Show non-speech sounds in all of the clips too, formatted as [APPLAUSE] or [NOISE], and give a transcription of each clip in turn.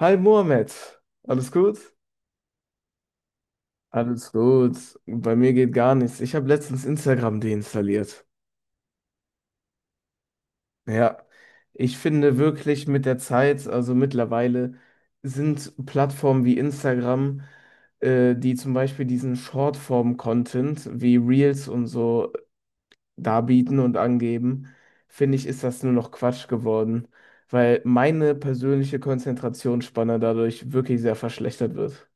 Hi Mohamed, alles gut? Alles gut. Bei mir geht gar nichts. Ich habe letztens Instagram deinstalliert. Ja, ich finde wirklich mit der Zeit, also mittlerweile, sind Plattformen wie Instagram, die zum Beispiel diesen Shortform-Content wie Reels und so darbieten und angeben, finde ich, ist das nur noch Quatsch geworden, weil meine persönliche Konzentrationsspanne dadurch wirklich sehr verschlechtert wird.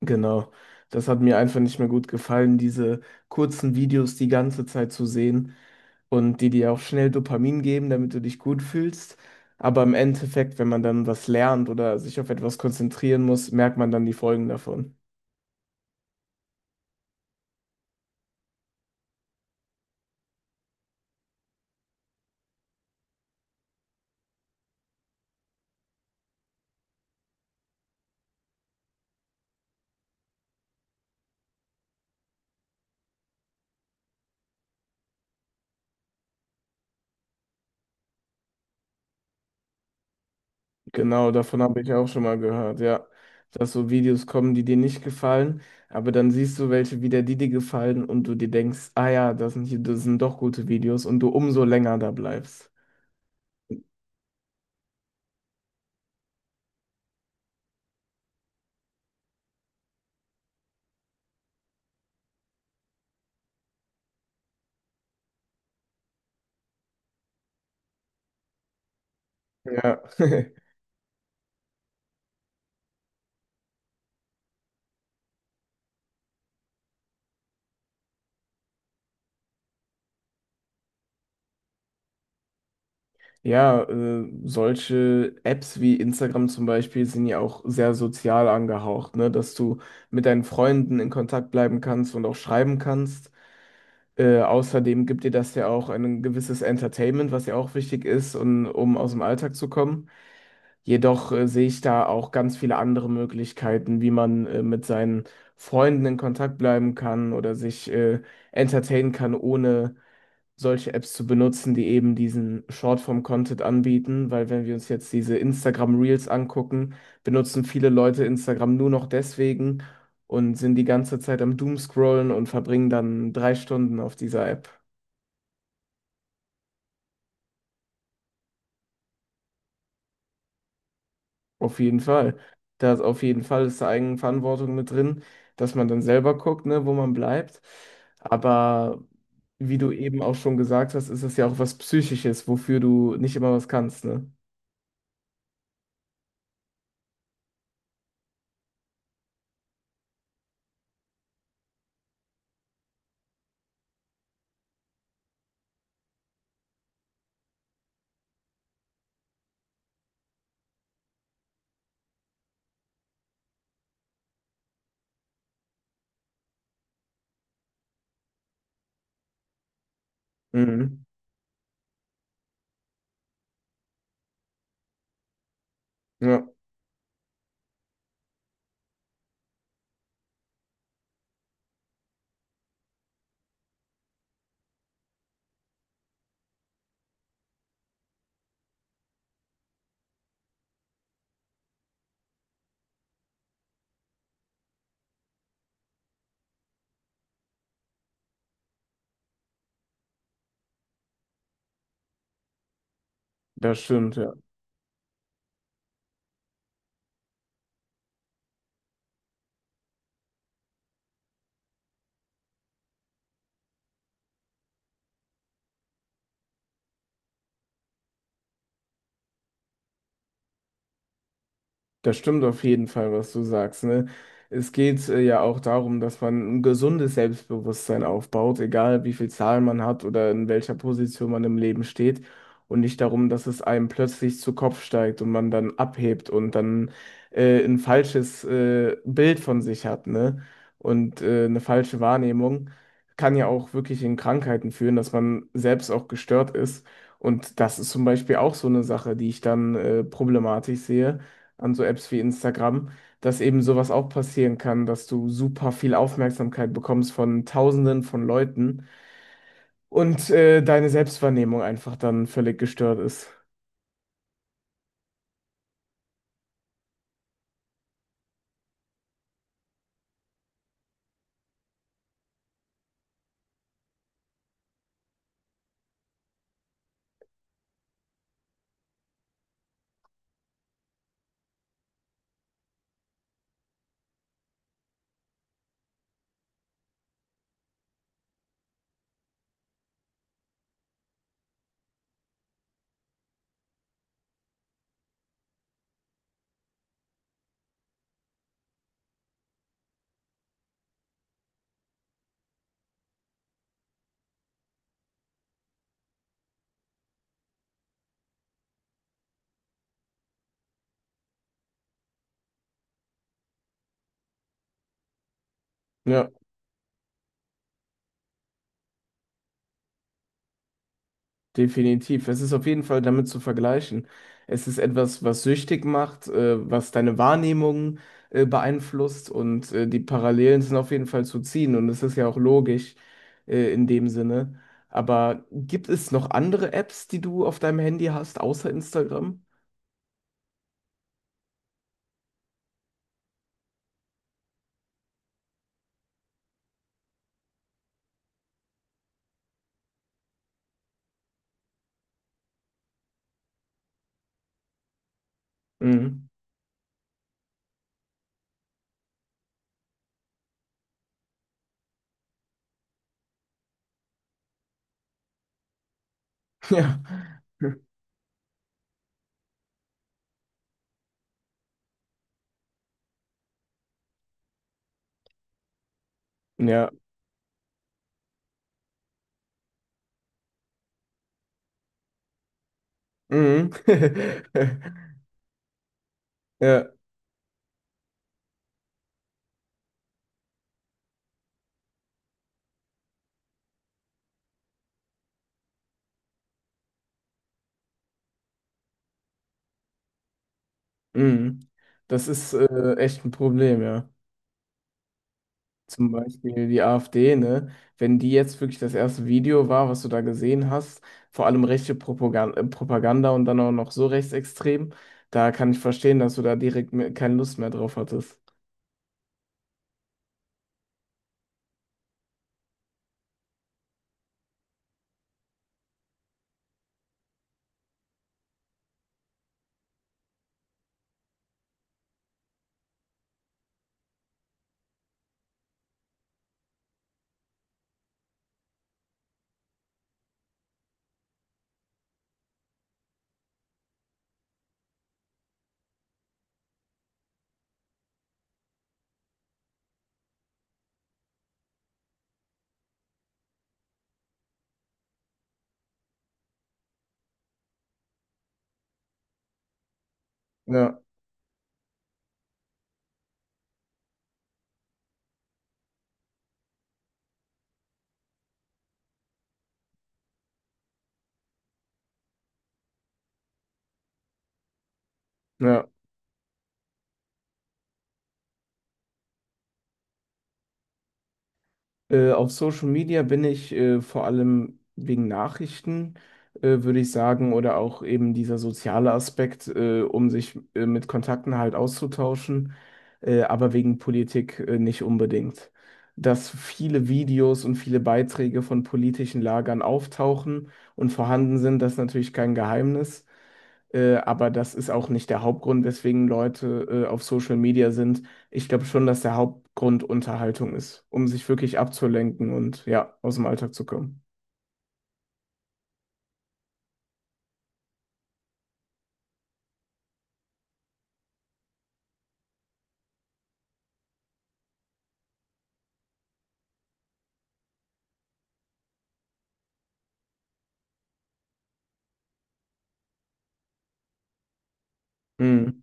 Genau, das hat mir einfach nicht mehr gut gefallen, diese kurzen Videos die ganze Zeit zu sehen und die dir auch schnell Dopamin geben, damit du dich gut fühlst. Aber im Endeffekt, wenn man dann was lernt oder sich auf etwas konzentrieren muss, merkt man dann die Folgen davon. Genau, davon habe ich auch schon mal gehört, ja. Dass so Videos kommen, die dir nicht gefallen, aber dann siehst du welche wieder, die dir gefallen und du dir denkst, ah ja, das sind doch gute Videos und du umso länger da bleibst. Ja, [LAUGHS] ja, solche Apps wie Instagram zum Beispiel sind ja auch sehr sozial angehaucht, ne? Dass du mit deinen Freunden in Kontakt bleiben kannst und auch schreiben kannst. Außerdem gibt dir das ja auch ein gewisses Entertainment, was ja auch wichtig ist, und, um aus dem Alltag zu kommen. Jedoch sehe ich da auch ganz viele andere Möglichkeiten, wie man mit seinen Freunden in Kontakt bleiben kann oder sich entertainen kann, ohne solche Apps zu benutzen, die eben diesen Shortform-Content anbieten. Weil wenn wir uns jetzt diese Instagram Reels angucken, benutzen viele Leute Instagram nur noch deswegen und sind die ganze Zeit am Doomscrollen und verbringen dann 3 Stunden auf dieser App. Auf jeden Fall. Da ist auf jeden Fall ist da Eigenverantwortung mit drin, dass man dann selber guckt, ne, wo man bleibt. Aber wie du eben auch schon gesagt hast, ist es ja auch was Psychisches, wofür du nicht immer was kannst, ne? Mhm. Ja, ja. Das stimmt auf jeden Fall, was du sagst, ne? Es geht ja auch darum, dass man ein gesundes Selbstbewusstsein aufbaut, egal wie viel Zahlen man hat oder in welcher Position man im Leben steht. Und nicht darum, dass es einem plötzlich zu Kopf steigt und man dann abhebt und dann ein falsches Bild von sich hat, ne? Und eine falsche Wahrnehmung kann ja auch wirklich in Krankheiten führen, dass man selbst auch gestört ist. Und das ist zum Beispiel auch so eine Sache, die ich dann problematisch sehe an so Apps wie Instagram, dass eben sowas auch passieren kann, dass du super viel Aufmerksamkeit bekommst von Tausenden von Leuten und deine Selbstwahrnehmung einfach dann völlig gestört ist. Ja, definitiv. Es ist auf jeden Fall damit zu vergleichen. Es ist etwas, was süchtig macht, was deine Wahrnehmung beeinflusst und die Parallelen sind auf jeden Fall zu ziehen und es ist ja auch logisch in dem Sinne. Aber gibt es noch andere Apps, die du auf deinem Handy hast, außer Instagram? Mhm. [LAUGHS] Ja. Ja. Mhm. [LAUGHS] Ja. Mhm. Das ist echt ein Problem, ja. Zum Beispiel die AfD, ne? Wenn die jetzt wirklich das erste Video war, was du da gesehen hast, vor allem rechte Propaganda, Propaganda und dann auch noch so rechtsextrem, da kann ich verstehen, dass du da keine Lust mehr drauf hattest. Ja, ja. Auf Social Media bin ich vor allem wegen Nachrichten, würde ich sagen, oder auch eben dieser soziale Aspekt, um sich mit Kontakten halt auszutauschen, aber wegen Politik nicht unbedingt. Dass viele Videos und viele Beiträge von politischen Lagern auftauchen und vorhanden sind, das ist natürlich kein Geheimnis. Aber das ist auch nicht der Hauptgrund, weswegen Leute auf Social Media sind. Ich glaube schon, dass der Hauptgrund Unterhaltung ist, um sich wirklich abzulenken und ja, aus dem Alltag zu kommen. Mhm.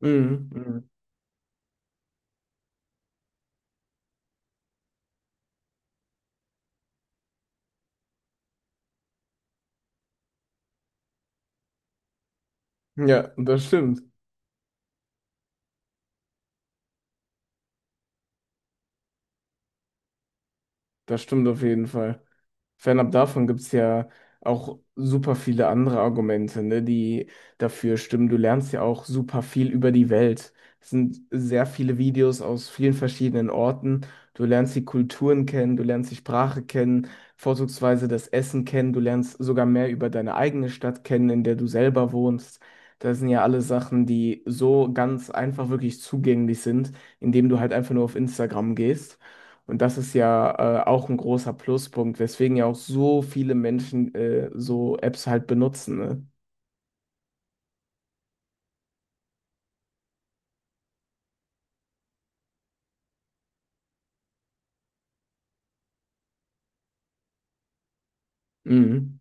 Mhm. Mhm. Ja, das stimmt. Das stimmt auf jeden Fall. Fernab davon gibt es ja auch super viele andere Argumente, ne, die dafür stimmen. Du lernst ja auch super viel über die Welt. Es sind sehr viele Videos aus vielen verschiedenen Orten. Du lernst die Kulturen kennen, du lernst die Sprache kennen, vorzugsweise das Essen kennen. Du lernst sogar mehr über deine eigene Stadt kennen, in der du selber wohnst. Das sind ja alle Sachen, die so ganz einfach wirklich zugänglich sind, indem du halt einfach nur auf Instagram gehst. Und das ist ja auch ein großer Pluspunkt, weswegen ja auch so viele Menschen so Apps halt benutzen, ne? Mhm.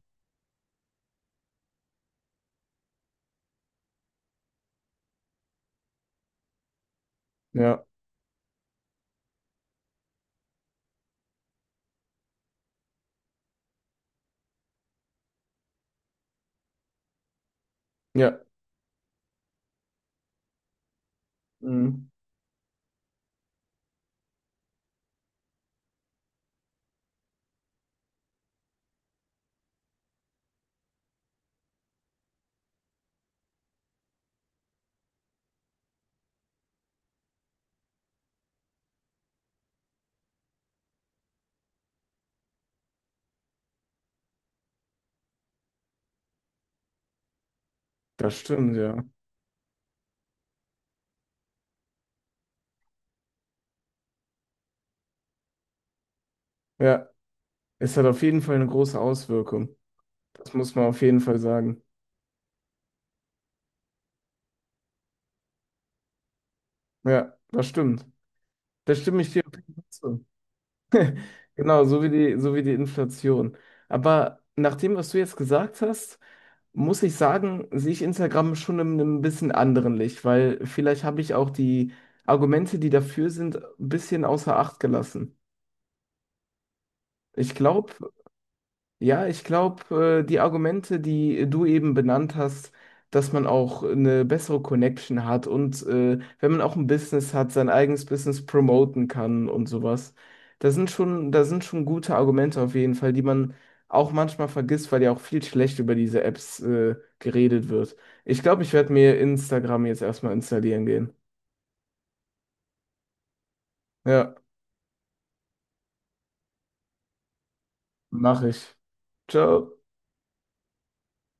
Ja, ja, mhm. Das stimmt, ja. Ja, es hat auf jeden Fall eine große Auswirkung. Das muss man auf jeden Fall sagen. Ja, das stimmt. Da stimme ich dir auf jeden Fall zu. Genau, so wie die Inflation. Aber nach dem, was du jetzt gesagt hast, muss ich sagen, sehe ich Instagram schon in einem bisschen anderen Licht, weil vielleicht habe ich auch die Argumente, die dafür sind, ein bisschen außer Acht gelassen. Ich glaube, ja, ich glaube, die Argumente, die du eben benannt hast, dass man auch eine bessere Connection hat und wenn man auch ein Business hat, sein eigenes Business promoten kann und sowas. Da sind schon gute Argumente auf jeden Fall, die man auch manchmal vergisst, weil ja auch viel schlecht über diese Apps geredet wird. Ich glaube, ich werde mir Instagram jetzt erstmal installieren gehen. Ja, mache ich. Ciao.